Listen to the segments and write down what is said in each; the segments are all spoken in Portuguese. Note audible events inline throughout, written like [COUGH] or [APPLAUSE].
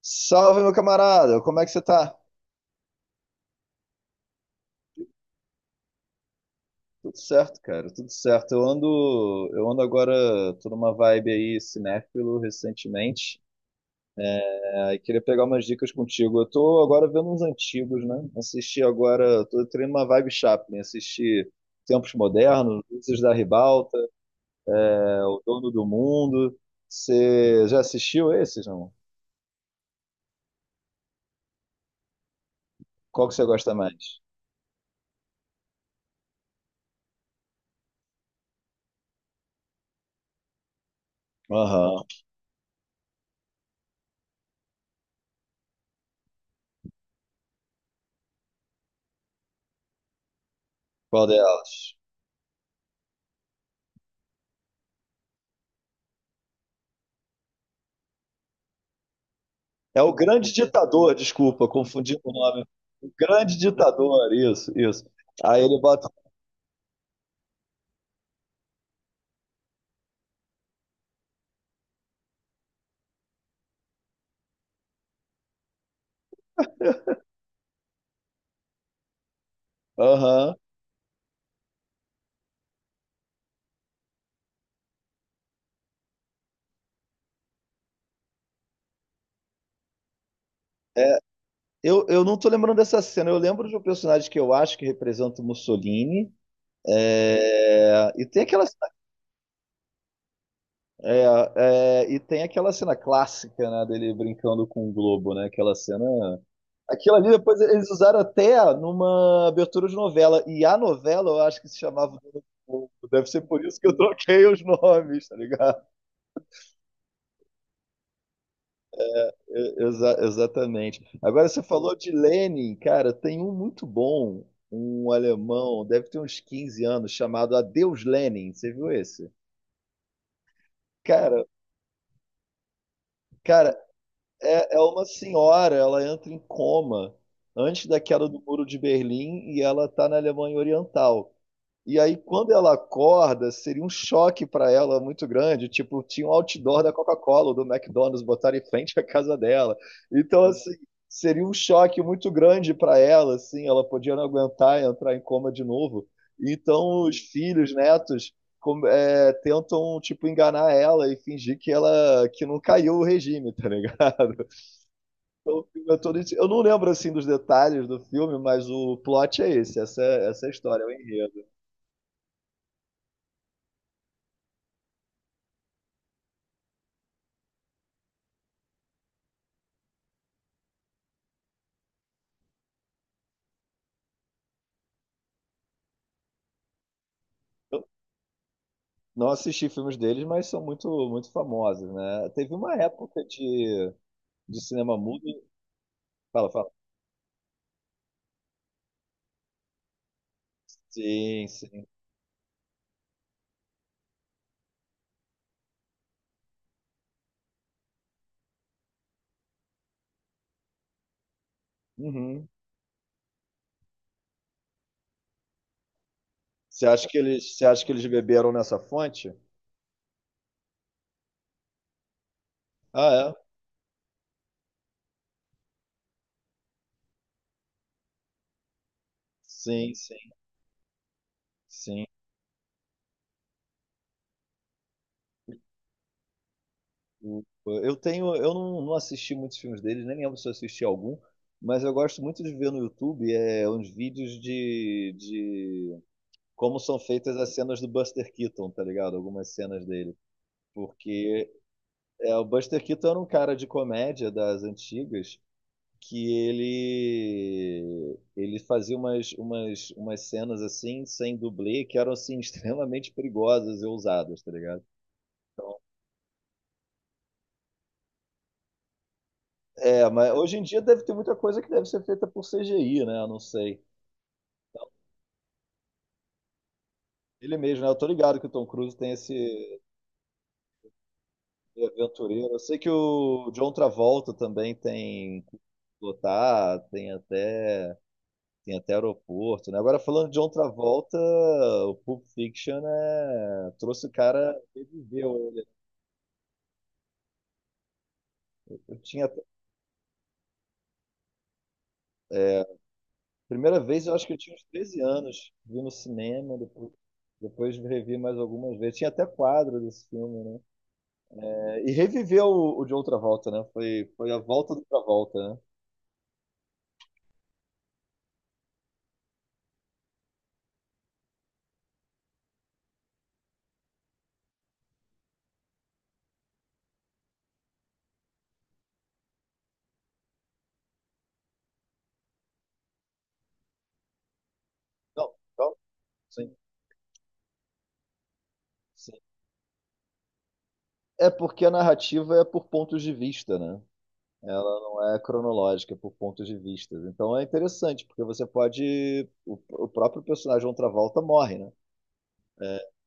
Salve, meu camarada! Como é que você tá? Tudo certo, cara, tudo certo. Eu ando agora, tô numa vibe aí cinéfilo recentemente. Aí queria pegar umas dicas contigo. Eu tô agora vendo uns antigos, né? Assisti agora, tô tendo uma vibe Chaplin, assisti Tempos Modernos, Luzes da Ribalta, O Dono do Mundo. Você já assistiu esses, não? Qual que você gosta mais? Aham. Qual delas? É o grande ditador, desculpa, confundi o nome. O grande ditador, isso, isso. Aí ele bota. Aham. Eu não tô lembrando dessa cena. Eu lembro de um personagem que eu acho que representa o Mussolini. É, e tem aquela, e tem aquela cena clássica, né, dele brincando com o Globo, né? Aquela cena. Aquilo ali depois eles usaram até numa abertura de novela. E a novela eu acho que se chamava Dono do Mundo. Deve ser por isso que eu troquei os nomes, tá ligado? Exatamente. Agora você falou de Lenin, cara, tem um muito bom, um alemão, deve ter uns 15 anos, chamado Adeus Lenin. Você viu esse? Cara, cara, é uma senhora, ela entra em coma antes da queda do Muro de Berlim e ela tá na Alemanha Oriental. E aí, quando ela acorda, seria um choque para ela muito grande. Tipo, tinha um outdoor da Coca-Cola, ou do McDonald's, botaram em frente à casa dela. Então, assim, seria um choque muito grande para ela, assim, ela podia não aguentar e entrar em coma de novo. Então, os filhos, netos, tentam, tipo, enganar ela e fingir que ela que não caiu o regime, tá ligado? [LAUGHS] Então, o filme é todo... Eu não lembro, assim, dos detalhes do filme, mas o plot é esse, essa é a história, é o enredo. Não assisti filmes deles, mas são muito, muito famosos, né? Teve uma época de cinema mudo. Fala, fala. Sim, sim. Uhum. Você acha que eles beberam nessa fonte? Ah, é? Sim, sim, sim. O- Eu tenho, eu não, não assisti muitos filmes deles, nem lembro se eu assisti algum, mas eu gosto muito de ver no YouTube uns vídeos de como são feitas as cenas do Buster Keaton, tá ligado? Algumas cenas dele. Porque é, o Buster Keaton era um cara de comédia das antigas que ele fazia umas cenas assim sem dublê que eram assim [LAUGHS] extremamente perigosas e ousadas, tá ligado? É, mas hoje em dia deve ter muita coisa que deve ser feita por CGI, né? Eu não sei. Ele mesmo, né? Eu tô ligado que o Tom Cruise tem esse aventureiro. Eu sei que o John Travolta também tem pilotar, tem até tem até aeroporto, né? Agora, falando de John Travolta, o Pulp Fiction né, trouxe o cara, reviveu ele. Eu tinha, primeira vez, eu acho que eu tinha uns 13 anos, vi no cinema, depois revi mais algumas vezes. Tinha até quadro desse filme, né? É, e reviveu o John Travolta, né? Foi, foi a volta do Travolta, né? Não, não, sim, sim. É porque a narrativa é por pontos de vista, né? Ela não é cronológica por pontos de vista. Então é interessante, porque você pode. O próprio personagem John Travolta morre, né?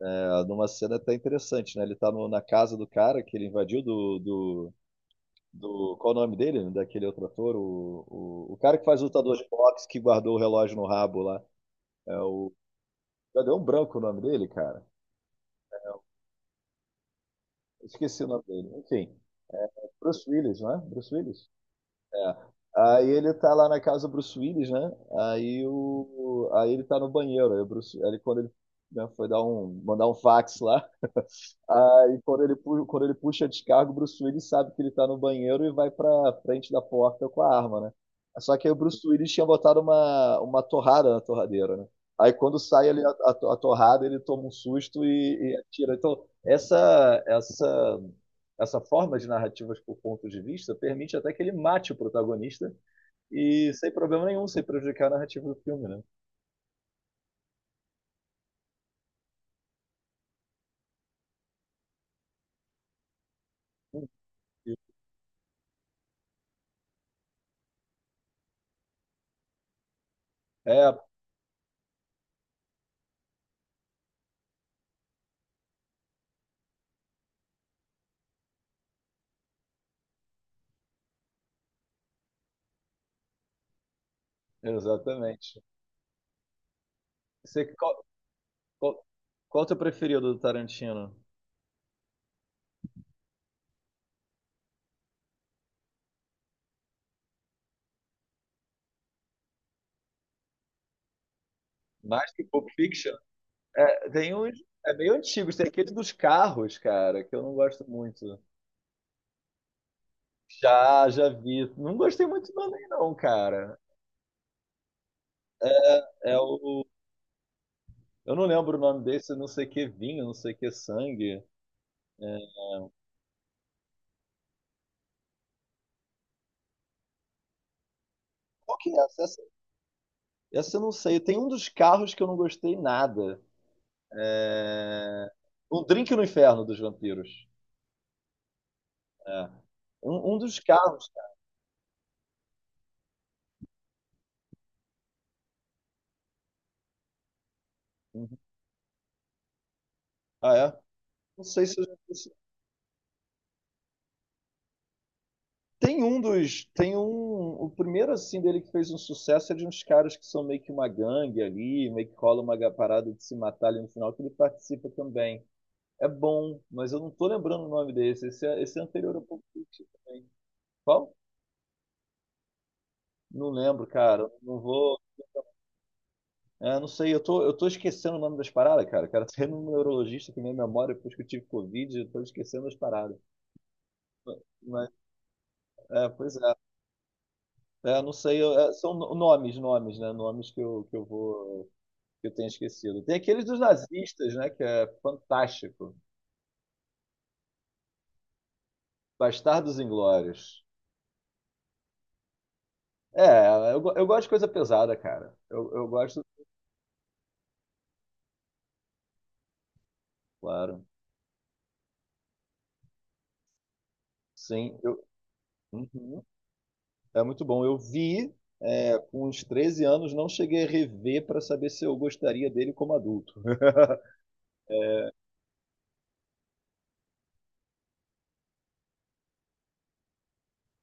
É, numa cena até interessante, né? Ele tá na casa do cara que ele invadiu Qual é o nome dele? Daquele outro ator? O cara que faz lutador de boxe que guardou o relógio no rabo lá. É o. Cadê um branco o nome dele, cara? Esqueci o nome dele. Enfim. Bruce Willis, né? Bruce Willis? É, aí ele tá lá na casa do Bruce Willis, né? Aí, o, aí ele tá no banheiro. Aí, o Bruce, aí ele- quando ele né, foi dar um, mandar um fax lá, aí quando ele, quando ele puxa a descarga, o Bruce Willis sabe que ele tá no banheiro e vai pra frente da porta com a arma, né? Só que aí o Bruce Willis tinha botado uma torrada na torradeira, né? Aí quando sai ali a torrada, ele toma um susto e atira. Então, essa forma de narrativas por pontos de vista permite até que ele mate o protagonista e sem problema nenhum, sem prejudicar a narrativa do filme, né? É, exatamente. Você, qual, qual, qual é o teu preferido do Tarantino? Mais que Pulp Fiction. É, tem uns. É meio antigos. Tem aquele dos carros, cara, que eu não gosto muito. Já, já vi. Não gostei muito também, não, cara. É o. Eu não lembro o nome desse, não sei que vinho, não sei que sangue. É, qual que é essa? Essa eu não sei. Tem um dos carros que eu não gostei nada. É, Um Drink no Inferno dos Vampiros. É. Um dos carros. Uhum. Ah, é? Não sei se eu já vi tem um dos. Tem um. O primeiro, assim, dele que fez um sucesso é de uns caras que são meio que uma gangue ali, meio que cola uma parada de se matar ali no final, que ele participa também. É bom, mas eu não tô lembrando o nome desse. Esse é anterior ao Pulp Fiction também. Qual? Não lembro, cara. Não vou. É, não sei, eu tô esquecendo o nome das paradas, cara. Cara, tô indo no neurologista que minha memória, depois que eu tive Covid, eu tô esquecendo as paradas. Mas, é, pois é. É, não sei, são nomes, nomes, né? Nomes que eu vou. Que eu tenho esquecido. Tem aquele dos nazistas, né? Que é fantástico. Bastardos Inglórios. É, eu, eu gosto de coisa pesada, cara. Eu gosto, claro. Sim, eu, uhum. É muito bom. Eu vi com uns 13 anos, não cheguei a rever para saber se eu gostaria dele como adulto.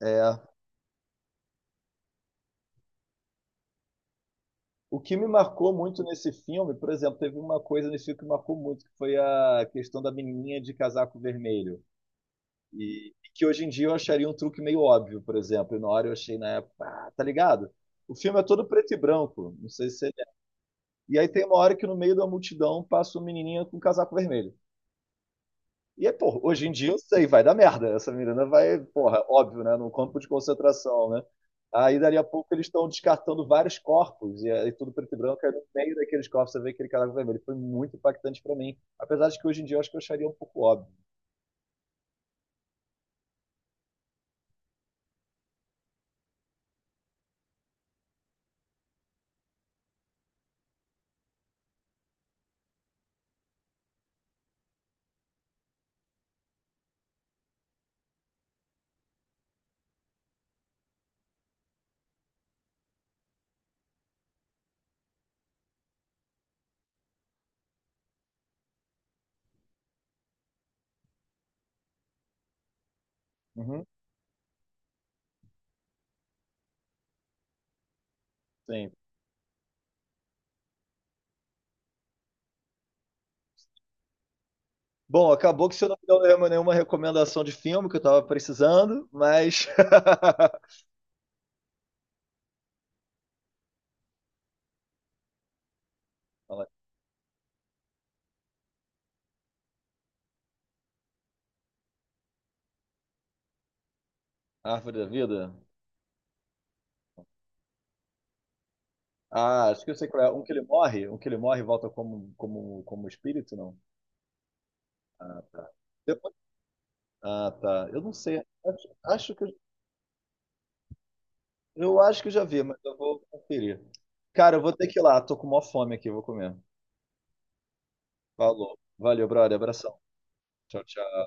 É. O que me marcou muito nesse filme, por exemplo, teve uma coisa nesse filme que marcou muito, que foi a questão da menininha de casaco vermelho. E que hoje em dia eu acharia um truque meio óbvio, por exemplo. E na hora eu achei na época, ah, tá ligado? O filme é todo preto e branco, não sei se você lembra. E aí tem uma hora que no meio da multidão passa uma menininha com um casaco vermelho. E aí, pô, hoje em dia eu sei, vai dar merda. Essa menina vai, porra, óbvio, né? Num campo de concentração, né? Aí dali a pouco eles estão descartando vários corpos, e aí tudo preto e branco, aí no meio daqueles corpos você vê aquele casaco vermelho. Foi muito impactante pra mim. Apesar de que hoje em dia eu acho que eu acharia um pouco óbvio. Uhum, sim. Bom, acabou que você não me deu nenhuma recomendação de filme que eu tava precisando, mas. [LAUGHS] Fala, Árvore da Vida? Ah, acho que eu sei qual é. Um que ele morre? Um que ele morre e volta como, como espírito, não? Ah, tá. Depois- Ah, tá. Eu não sei. Acho que eu acho que eu já vi, mas eu vou conferir. Cara, eu vou ter que ir lá. Tô com maior fome aqui, eu vou comer. Falou. Valeu, brother. Abração. Tchau, tchau.